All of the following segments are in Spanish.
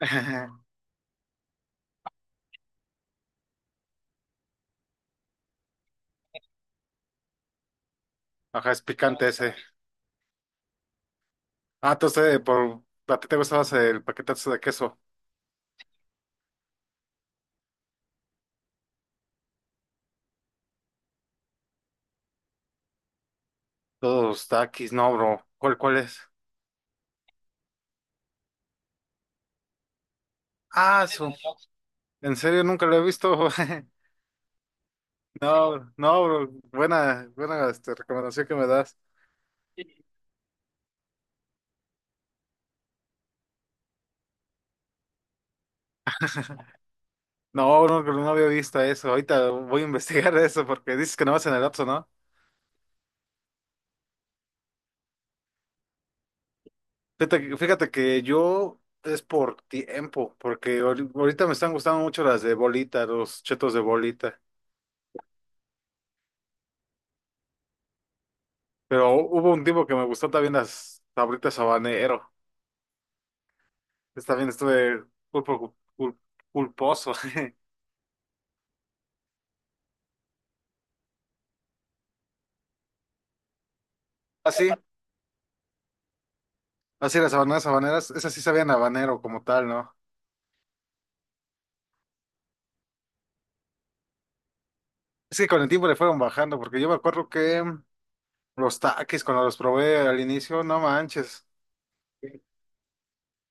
Ajá, es picante ese. Ah, entonces, ¿a ti te gustaba el paquetazo de queso? Todos taquis, no, bro. Cuál es? Ah, su. En serio, nunca lo he visto. No, no, bro. Buena, recomendación que me das. No, no, no había visto eso. Ahorita voy a investigar eso porque dices que no vas en el Oxxo, ¿no? Fíjate que yo es por tiempo, porque ahorita me están gustando mucho las de bolita, los chetos de bolita. Pero hubo un tiempo que me gustó también las sabritas habanero. Pues también estuve pulpo, pulposo. Así, así las habaneras habaneras, esas sí sabían a habanero como tal, ¿no? Es que con el tiempo le fueron bajando, porque yo me acuerdo que los taquis cuando los probé al inicio, no manches,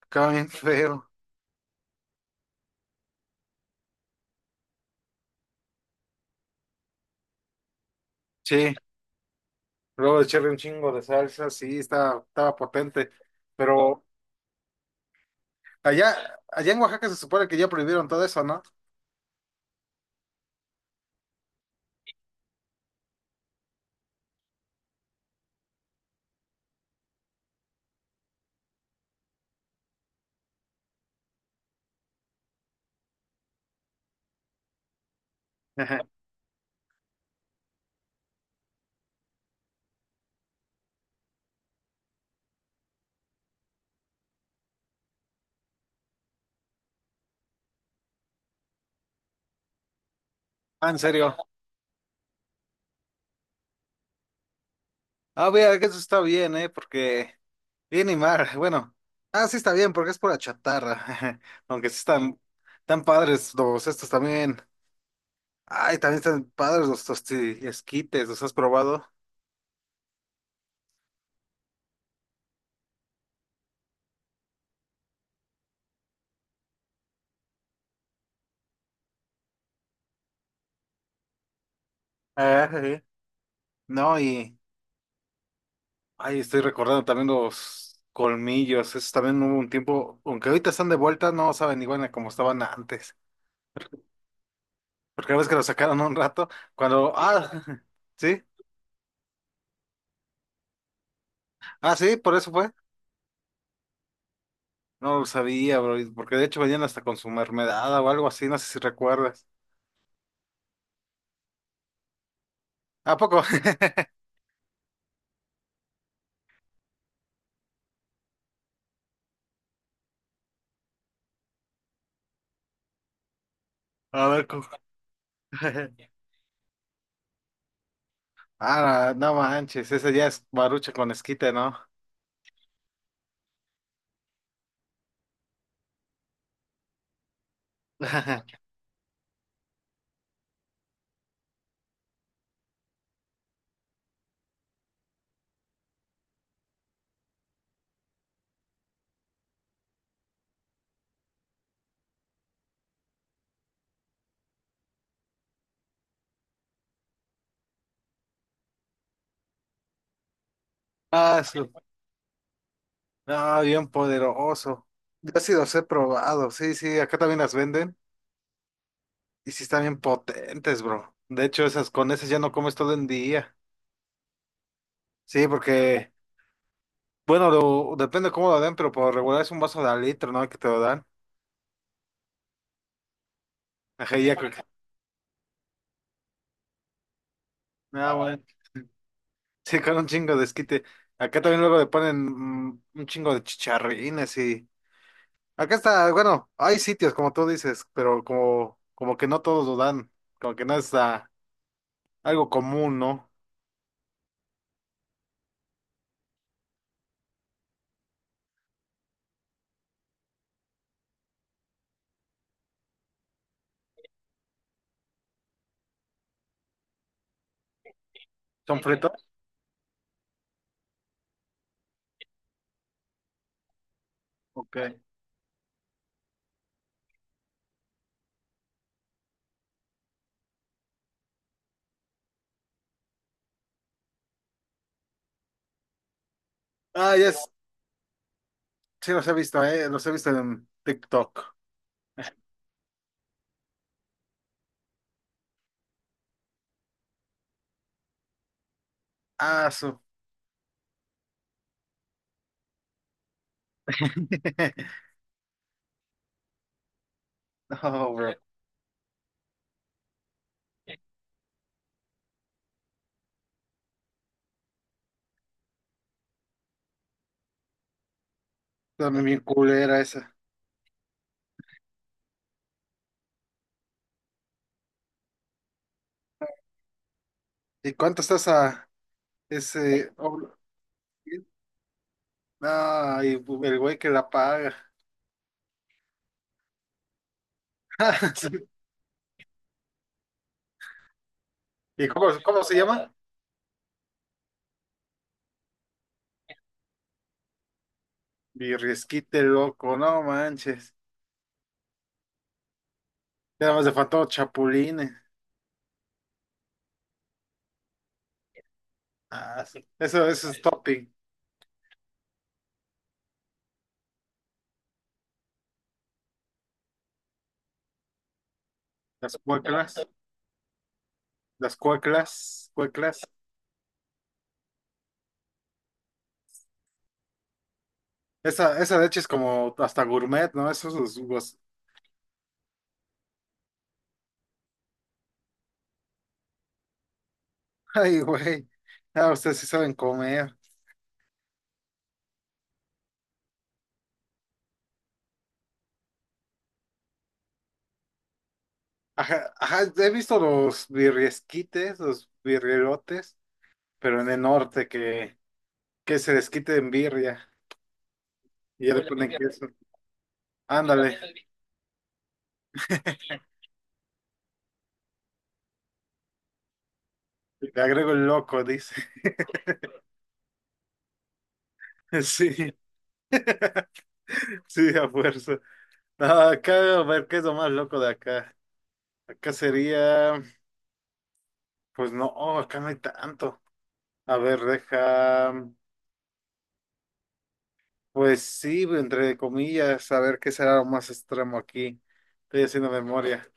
quedaba bien feo. Sí, luego echarle un chingo de salsa, sí, estaba potente. Pero allá, allá en Oaxaca se supone que ya prohibieron todo eso, ¿no? Ah, en serio. Ah, vea, que eso está bien, ¿eh? Porque bien y mal, bueno. Ah, sí está bien, porque es pura chatarra. Aunque sí están tan padres los estos también. Ay, también están padres los tosti esquites, ¿los has probado? Ah, sí. No, y... Ay, estoy recordando también los colmillos. Esos también hubo un tiempo, aunque ahorita están de vuelta, no saben igual a como estaban antes. Porque la vez que los sacaron un rato, cuando... Ah, sí. Ah, sí, por eso fue. No lo sabía, bro, porque de hecho venían hasta con su mermelada o algo así, no sé si recuerdas. ¿A poco? A ver, ¿cómo? Ah, no manches, ese ya es barucha con esquite, ¿no? Ah, su. No, bien poderoso. Yo sí los he probado, sí, sí, acá también las venden y sí están bien potentes, bro. De hecho, esas con esas ya no comes todo el día. Sí, porque, bueno, depende cómo lo den, pero por regular es un vaso de al litro, ¿no? Que te lo dan. Ajá, Ah, bueno. Sí, con un chingo de esquite. Acá también luego le ponen un chingo de chicharrines y... Acá está, bueno, hay sitios como tú dices, pero como que no todos lo dan, como que no es algo común, ¿no? ¿Son fritos? Ok. Ah, ya es, sí los he visto en TikTok. Ah, su. No, bro. Dame mi culera esa. ¿Y cuánto estás a ese? Ay, el güey que la paga. Sí. ¿Y cómo se llama? Birriesquite loco, no manches. Ya nada más le faltó chapulines. Ah, sí. Eso es topping. Las cueclas, las cueclas, cueclas. Esa de hecho es como hasta gourmet, ¿no? Esos los jugos. Ay, güey. Ah, ustedes sí saben comer. Ajá, ajá, he visto los birriesquites, los birrielotes, pero en el norte que se les quite en birria y ya le ponen queso. Ándale, le agrego el loco, dice. Sí. Sí, a fuerza. No, acá, a ver, ¿qué es lo más loco de acá? Acá sería, pues no, acá no hay tanto. A ver, deja, pues sí, entre comillas, a ver qué será lo más extremo aquí. Estoy haciendo memoria.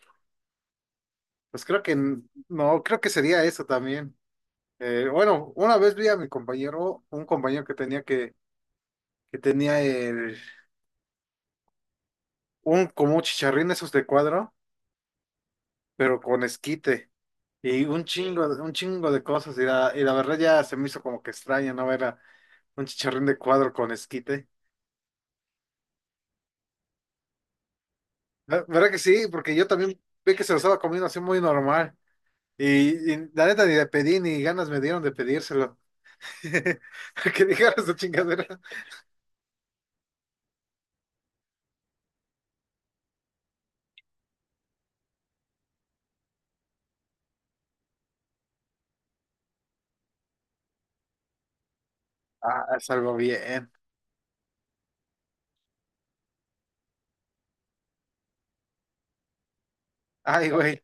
Pues creo que no, creo que sería eso también. Bueno, una vez vi a mi compañero, un compañero que tenía un, como un chicharrín esos de cuadro, pero con esquite. Y un chingo, un chingo de cosas. Y la verdad ya se me hizo como que extraña no ver a un chicharrín de cuadro con esquite. ¿Verdad que sí? Porque yo también vi que se lo estaba comiendo así muy normal. Y la neta ni le pedí ni ganas me dieron de pedírselo. Que dijeras esa chingadera. Ah, salgo bien. Ay, güey.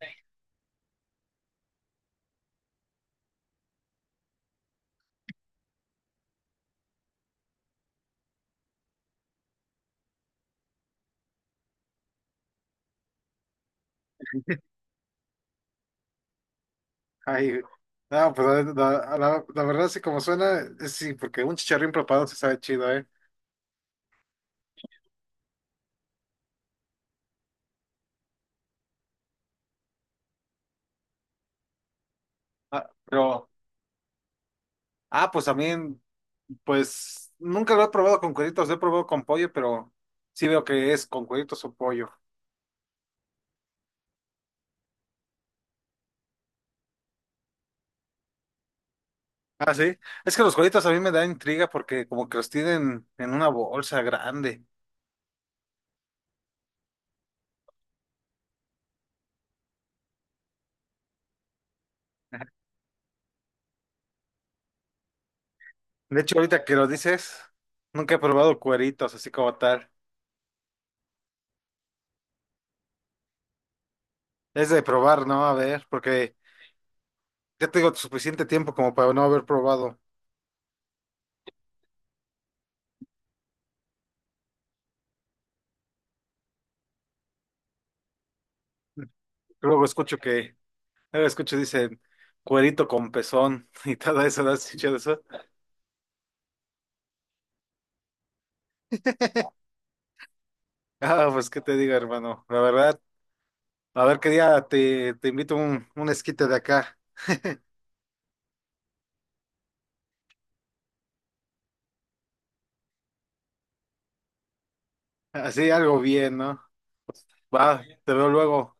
Ay, güey, no, pues la verdad, sí, como suena, sí, porque un chicharrín preparado se sabe chido, ¿eh? Ah, pero, ah, pues también. Pues nunca lo he probado con cueritos, lo he probado con pollo, pero sí veo que es con cueritos o pollo. Ah, sí. Es que los cueritos a mí me da intriga porque como que los tienen en una bolsa grande. De hecho, ahorita que lo dices, nunca he probado cueritos así como tal. Es de probar, ¿no? A ver, porque ya tengo suficiente tiempo como para no haber probado. Luego escucho que, luego escucho dicen cuerito con pezón y todo eso, ¿no has escuchado eso? Ah, pues qué te digo, hermano. La verdad. A ver qué día te invito un esquite de acá. Así algo bien, ¿no? Va, te veo luego.